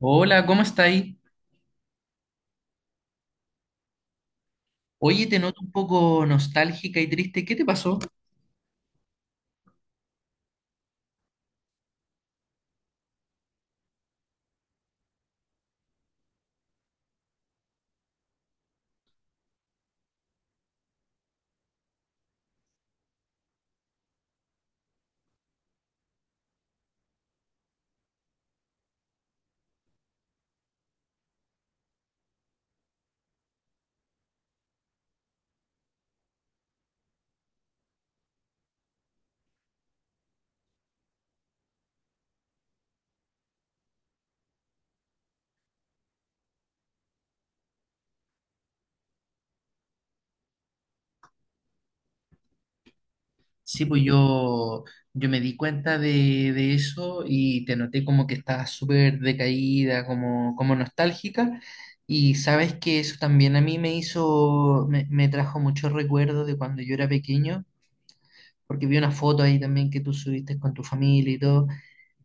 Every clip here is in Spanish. Hola, ¿cómo está ahí? Oye, te noto un poco nostálgica y triste. ¿Qué te pasó? Sí, pues yo me di cuenta de eso y te noté como que estabas súper decaída, como, como nostálgica. Y sabes que eso también a mí me hizo, me trajo muchos recuerdos de cuando yo era pequeño, porque vi una foto ahí también que tú subiste con tu familia y todo.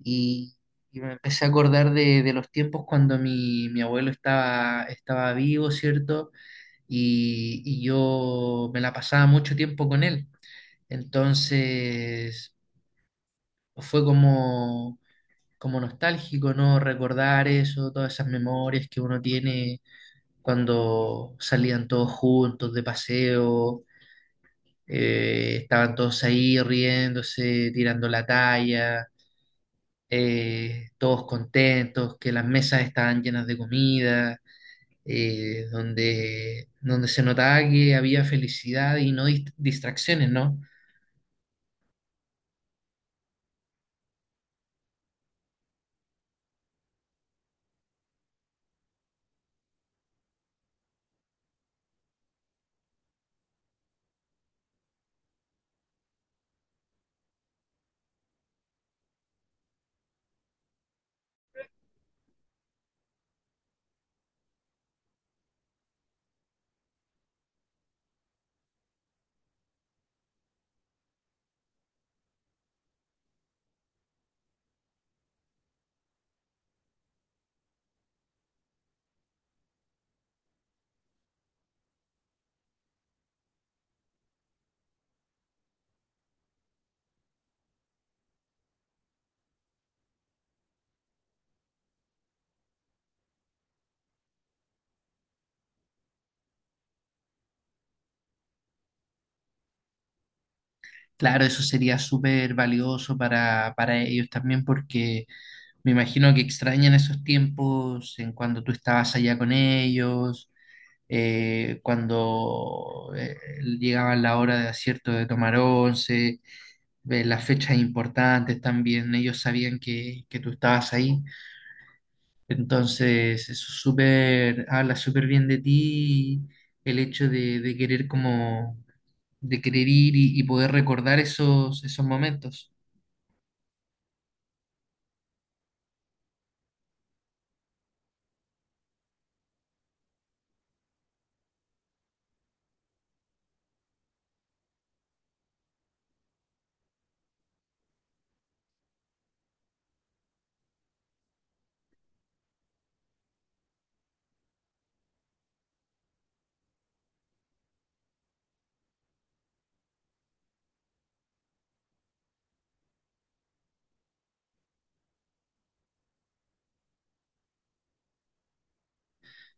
Y, y me empecé a acordar de los tiempos cuando mi abuelo estaba, estaba vivo, ¿cierto? Y, y yo me la pasaba mucho tiempo con él. Entonces fue como, como nostálgico, ¿no? Recordar eso, todas esas memorias que uno tiene cuando salían todos juntos de paseo, estaban todos ahí riéndose, tirando la talla. Todos contentos, que las mesas estaban llenas de comida, donde, donde se notaba que había felicidad y no distracciones, ¿no? Claro, eso sería súper valioso para ellos también porque me imagino que extrañan esos tiempos en cuando tú estabas allá con ellos, cuando llegaba la hora de acierto de tomar once, las fechas importantes también, ellos sabían que tú estabas ahí. Entonces, eso es súper, habla súper bien de ti, el hecho de querer como, de querer ir y poder recordar esos, esos momentos.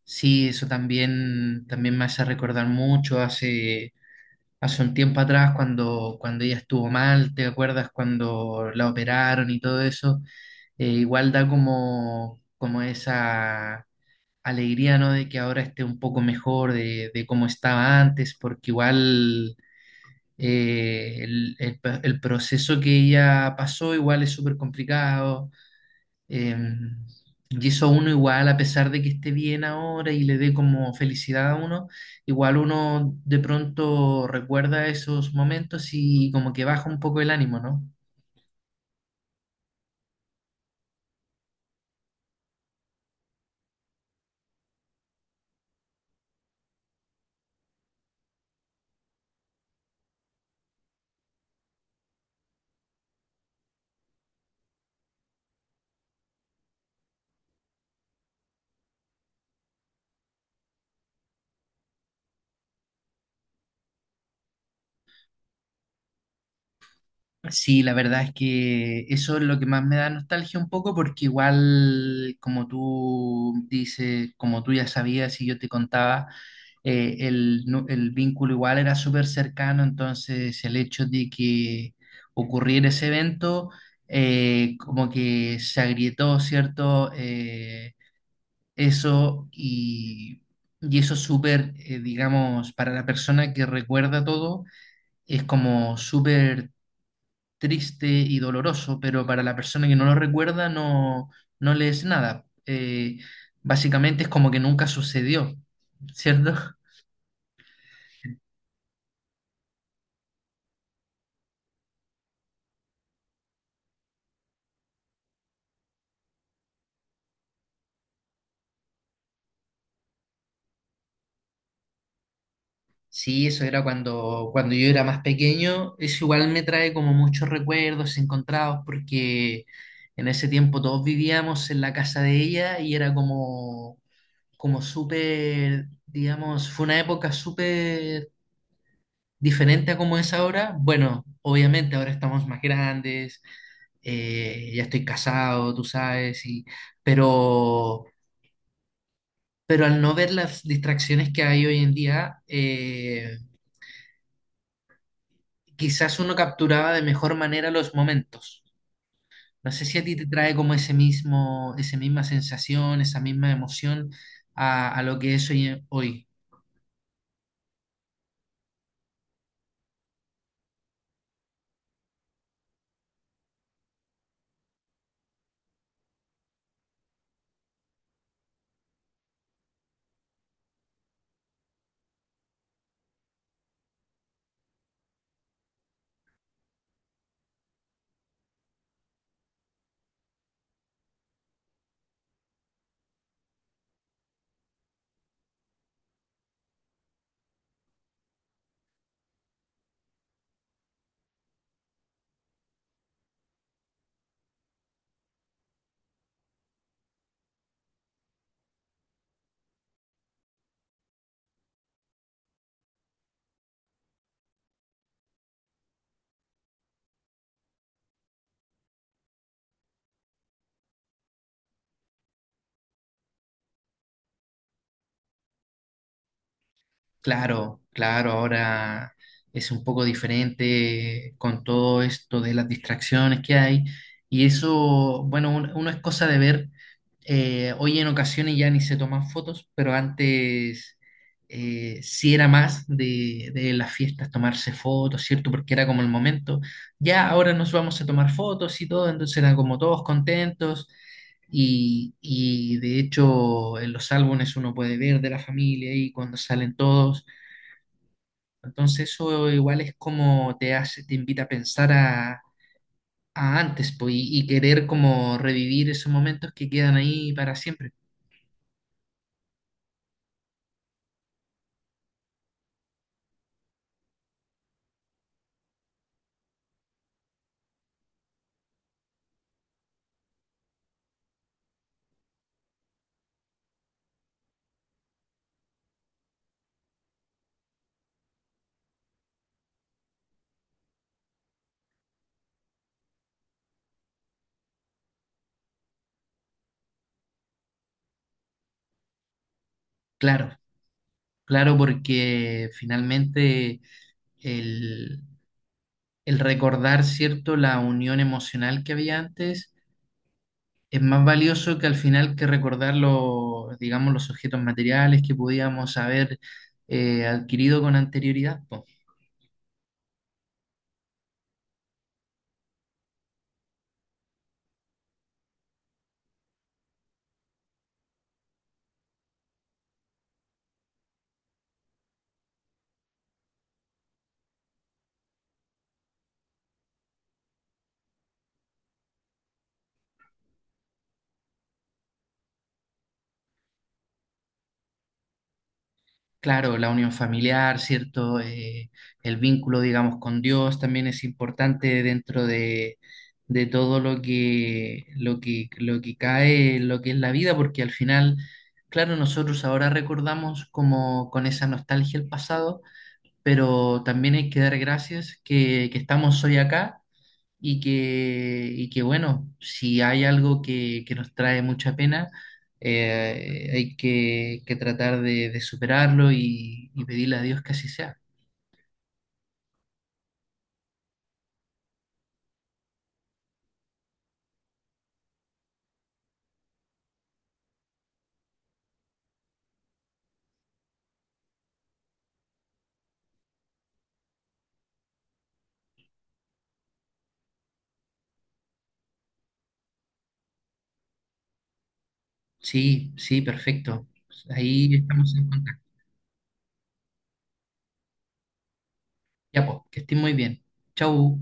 Sí, eso también, también me hace recordar mucho hace, hace un tiempo atrás cuando, cuando ella estuvo mal, ¿te acuerdas cuando la operaron y todo eso? Igual da como, como esa alegría, ¿no? De que ahora esté un poco mejor de cómo estaba antes, porque igual el proceso que ella pasó igual es súper complicado eh, y eso uno igual, a pesar de que esté bien ahora y le dé como felicidad a uno, igual uno de pronto recuerda esos momentos y como que baja un poco el ánimo, ¿no? Sí, la verdad es que eso es lo que más me da nostalgia un poco porque igual, como tú dices, como tú ya sabías y yo te contaba, el vínculo igual era súper cercano, entonces el hecho de que ocurriera ese evento, como que se agrietó, ¿cierto? Eso y eso es súper, digamos, para la persona que recuerda todo es como súper triste y doloroso, pero para la persona que no lo recuerda no, no le es nada. Básicamente es como que nunca sucedió, ¿cierto? Sí, eso era cuando, cuando yo era más pequeño. Eso igual me trae como muchos recuerdos encontrados porque en ese tiempo todos vivíamos en la casa de ella y era como, como súper, digamos, fue una época súper diferente a como es ahora. Bueno, obviamente ahora estamos más grandes, ya estoy casado, tú sabes, y, pero, pero al no ver las distracciones que hay hoy en día, quizás uno capturaba de mejor manera los momentos. No sé si a ti te trae como ese mismo, esa misma sensación, esa misma emoción a lo que es hoy. Hoy. Claro, claro, ahora es un poco diferente con todo esto de las distracciones que hay y eso, bueno, uno es cosa de ver, hoy en ocasiones ya ni se toman fotos, pero antes sí era más de las fiestas tomarse fotos, ¿cierto? Porque era como el momento, ya ahora nos vamos a tomar fotos y todo, entonces eran como todos contentos. Y de hecho en los álbumes uno puede ver de la familia y cuando salen todos. Entonces eso igual es como te hace, te invita a pensar a antes, pues, y querer como revivir esos momentos que quedan ahí para siempre. Claro, claro, porque finalmente el, el recordar, ¿cierto?, la unión emocional que había antes es más valioso que al final que recordar los, digamos, los objetos materiales que podíamos haber adquirido con anterioridad, po. Claro, la unión familiar, ¿cierto? El vínculo, digamos, con Dios también es importante dentro de todo lo que, lo que, lo que cae, lo que es la vida, porque al final, claro, nosotros ahora recordamos como con esa nostalgia el pasado, pero también hay que dar gracias que estamos hoy acá y que bueno, si hay algo que nos trae mucha pena, hay que tratar de superarlo y pedirle a Dios que así sea. Sí, sí, perfecto. Ahí estamos en contacto. Ya, pues, que estén muy bien. Chau.